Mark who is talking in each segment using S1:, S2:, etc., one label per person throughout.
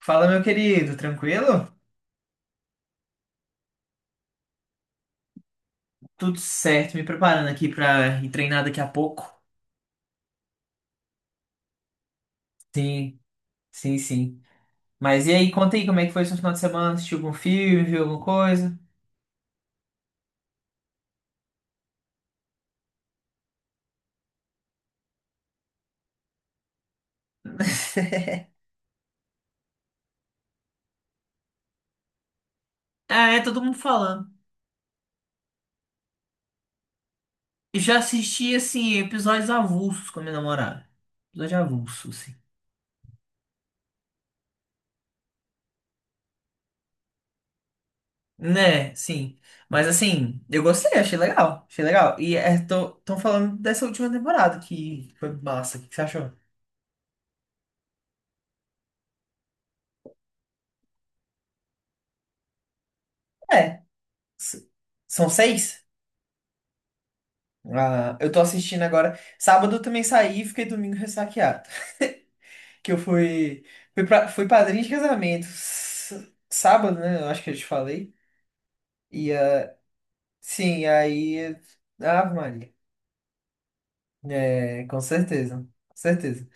S1: Fala, meu querido, tranquilo? Tudo certo, me preparando aqui pra ir treinar daqui a pouco. Sim, sim. Mas e aí, conta aí como é que foi seu final de semana? Assistiu algum filme, viu alguma coisa? Ah, é, todo mundo falando. Eu já assisti, assim, episódios avulsos com a minha namorada. Episódio avulso, assim. Né, sim. Mas assim, eu gostei, achei legal. Achei legal. Tão falando dessa última temporada que foi massa. O que que você achou? É, s- São seis? Ah, eu tô assistindo agora. Sábado eu também saí e fiquei domingo ressaqueado. Que eu fui padrinho de casamento. Sábado, né? Eu acho que eu te falei. E ah, sim, aí. Ave Maria. É, com certeza. Com certeza.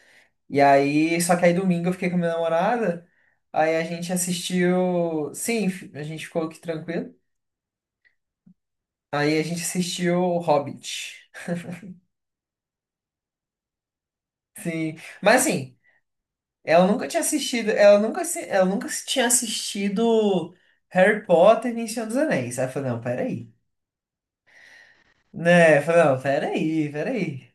S1: E aí, só que aí domingo eu fiquei com a minha namorada. Aí a gente assistiu. Sim, a gente ficou aqui tranquilo. Aí a gente assistiu Hobbit. Sim. Mas assim. Ela nunca se tinha assistido Harry Potter e Senhor dos Anéis. Aí eu falei, não, peraí. Né? Eu falei, não, peraí.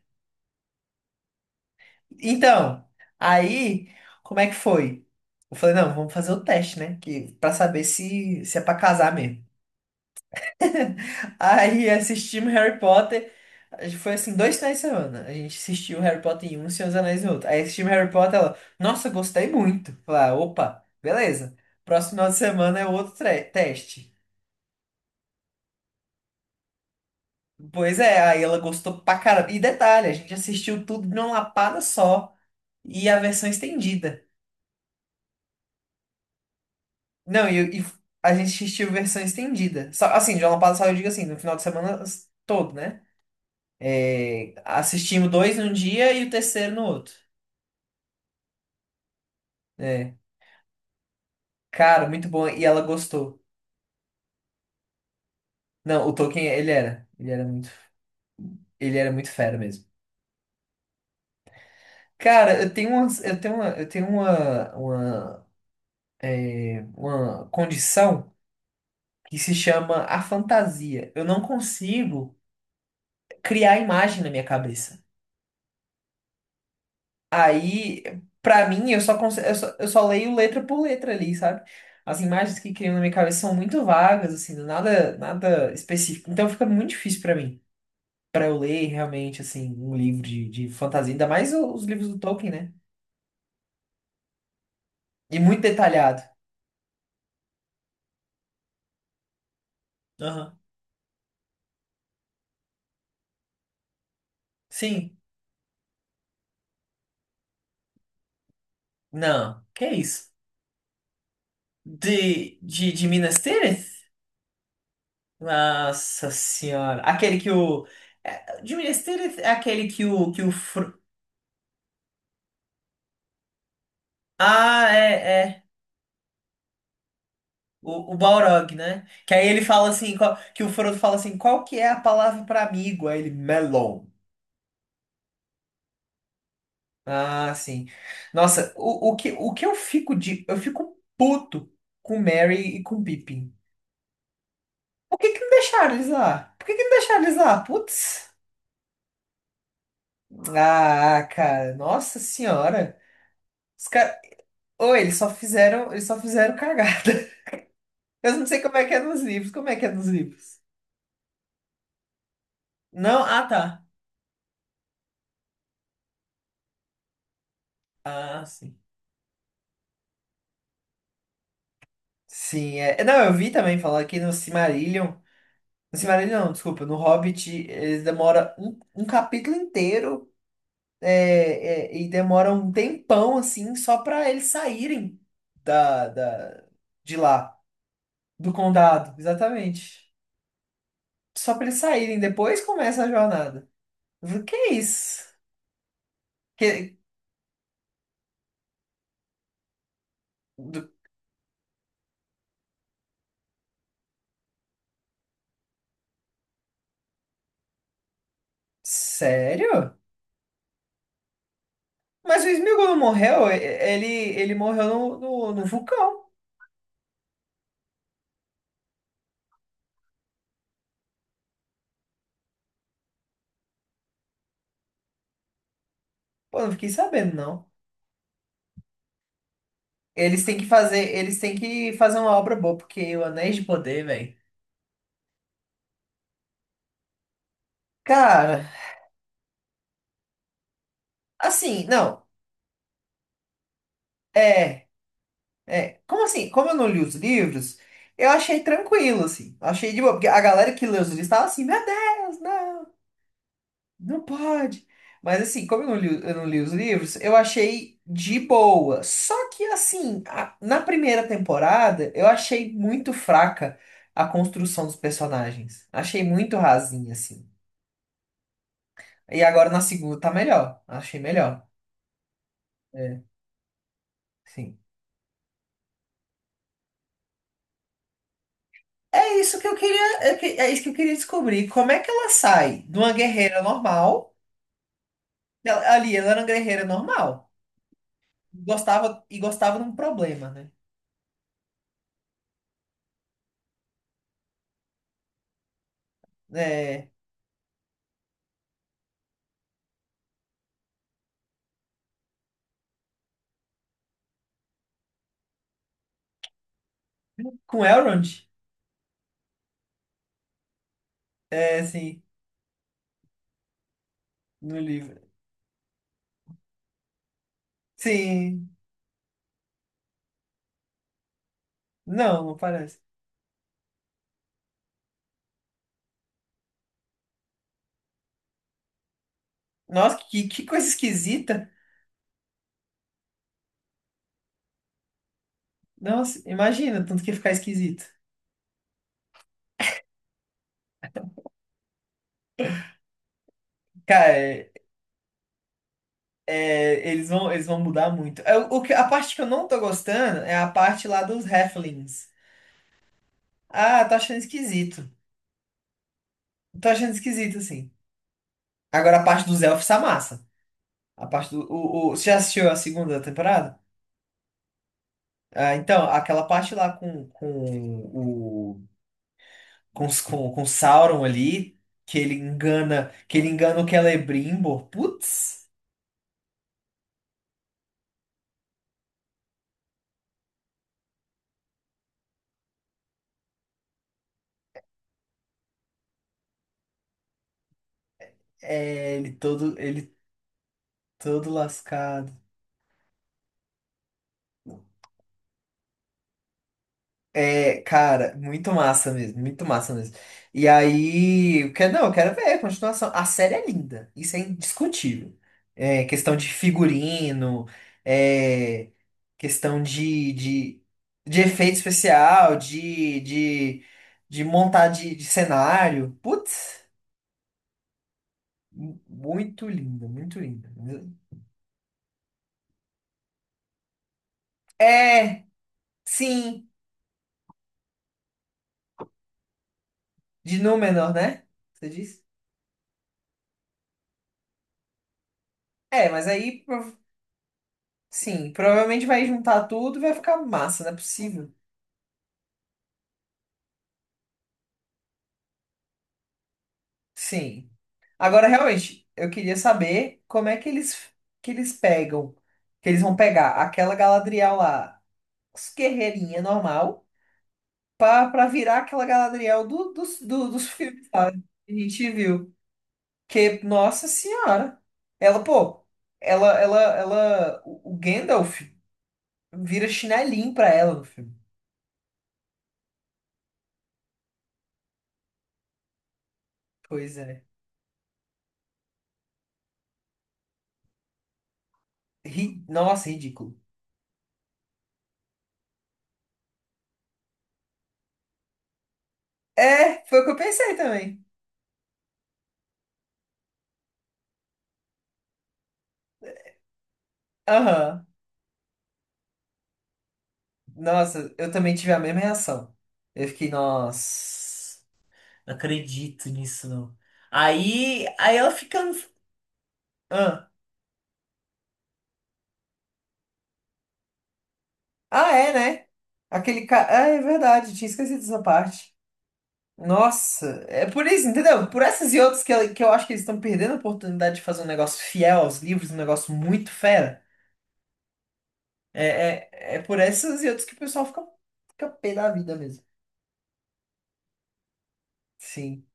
S1: Então, aí, como é que foi? Eu falei, não, vamos fazer o teste, né? Pra saber se é pra casar mesmo. Aí assistimos Harry Potter. Foi assim, dois finais de semana. A gente assistiu Harry Potter em um e Senhor dos Anéis em outro. Aí assistimos Harry Potter, ela, nossa, gostei muito. Falei, "Ah, opa, beleza. Próximo final de semana é outro teste." Pois é, aí ela gostou pra caramba. E detalhe, a gente assistiu tudo de uma lapada só. E a versão estendida. Não, e a gente assistiu versão estendida. Só, assim, de uma lapada só, eu digo assim, no final de semana todo, né? É, assistimos dois num dia e o terceiro no outro. É. Cara, muito bom. E ela gostou. Não, o Tolkien, ele era. Ele era muito fera mesmo. Cara, eu tenho umas, eu tenho uma condição que se chama a fantasia. Eu não consigo criar imagem na minha cabeça. Aí, pra mim, eu só, conse- eu só leio letra por letra ali, sabe? As imagens que criam na minha cabeça são muito vagas, assim, nada específico. Então fica muito difícil pra mim para eu ler realmente, assim, um livro de fantasia, ainda mais os livros do Tolkien, né? E muito detalhado. Aham. Sim. Não. Que isso? De Minas Tirith? Nossa senhora. Aquele que o. É, de Minas Tirith é aquele que o. Que o Ah, é, é. O Balrog, né? Que aí ele fala assim, qual- que o Frodo fala assim, qual que é a palavra para amigo? Aí ele, melon. Ah, sim. Nossa, o que eu fico de. Eu fico puto com Mary e com Pippin. Por que que não deixaram eles lá? Por que que não deixaram eles lá? Putz. Ah, cara, nossa senhora. Os caras. Ou eles só fizeram cagada. Eu não sei como é que é nos livros. Como é que é nos livros? Não, ah, tá. Ah, sim. Sim, é. É, não, eu vi também falar que no Silmarillion. No Silmarillion, não, desculpa, no Hobbit, eles demoram um capítulo inteiro. É, é, e demora um tempão, assim, só para eles saírem da, da, de lá, do condado, exatamente. Só para eles saírem, depois começa a jornada. Eu falei, que isso? Que, do- sério? Mas o Sméagol não morreu? E- Ele, ele morreu no vulcão. Pô, não fiquei sabendo, não. Eles têm que fazer uma obra boa, porque o Anéis de Poder, velho. Cara, assim, não. É. É, como assim? Como eu não li os livros, eu achei tranquilo, assim. Achei de boa, porque a galera que lê os livros tava assim, meu Deus, não, não pode. Mas assim, como eu não li os livros, eu achei de boa. Só que assim, na primeira temporada, eu achei muito fraca a construção dos personagens. Achei muito rasinha, assim. E agora na segunda tá melhor. Achei melhor. É, sim. É isso que eu queria, é é isso que eu queria descobrir. Como é que ela sai de uma guerreira normal? Ali, ela era uma guerreira normal. Gostava e gostava de um problema, né? É, com Elrond, é sim. No livro. Sim, não, não parece. Nossa, que coisa esquisita. Nossa, imagina, tanto que ia ficar esquisito. Cara, é, eles vão mudar muito. É, o que, a parte que eu não tô gostando é a parte lá dos Halflings. Ah, tô achando esquisito. Tô achando esquisito, assim. Agora a parte dos elfos tá massa. A parte do. Você já assistiu a segunda temporada? Ah, então, aquela parte lá com o com, os- com o Sauron ali, que ele engana o Celebrimbor. Putz, é, ele todo lascado. É, cara, muito massa mesmo. E aí, eu quero, não, eu quero ver a continuação. A série é linda, isso é indiscutível. É, questão de figurino, é, questão de efeito especial, de cenário. Putz, muito linda. É, sim, de Númenor, né? Você disse? É, mas aí. Sim, provavelmente vai juntar tudo e vai ficar massa, não é possível. Sim. Agora, realmente, eu queria saber como é que que eles pegam, que eles vão pegar aquela Galadriel lá, os guerreirinha normal, pra virar aquela Galadriel dos filmes, sabe? Que a gente viu. Que, nossa senhora, ela, pô, ela, o Gandalf vira chinelinho pra ela no filme. Pois é. Ri- Nossa, ridículo. É, foi o que eu pensei também. Aham. Nossa, eu também tive a mesma reação. Eu fiquei, nossa, não acredito nisso, não. Aí ela fica. Ah, é, né? Aquele cara. Ah, é verdade, tinha esquecido dessa parte. Nossa, é por isso, entendeu? Por essas e outras que eu acho que eles estão perdendo a oportunidade de fazer um negócio fiel aos livros, um negócio muito fera. É, é por essas e outras que o pessoal fica, fica pé da vida mesmo. Sim.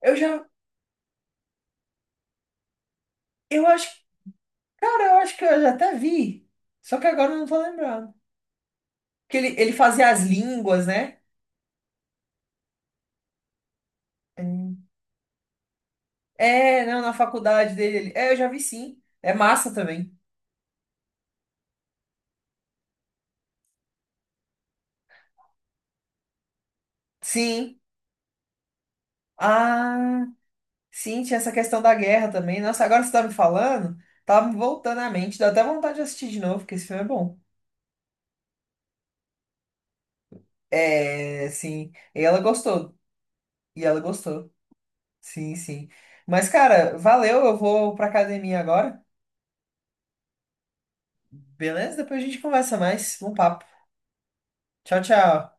S1: Eu já. Eu acho Cara, eu acho que eu já até vi. Só que agora eu não tô lembrando. Que ele fazia as línguas, né? Hum. É, não, na faculdade dele. É, eu já vi sim. É massa também. Sim. Ah, sim, tinha essa questão da guerra também. Nossa, agora você tá me falando, tá me voltando à mente. Dá até vontade de assistir de novo, porque esse filme é bom. É, sim. E ela gostou. E ela gostou. Sim, sim. Mas, cara, valeu. Eu vou pra academia agora. Beleza? Depois a gente conversa mais. Um papo. Tchau, tchau.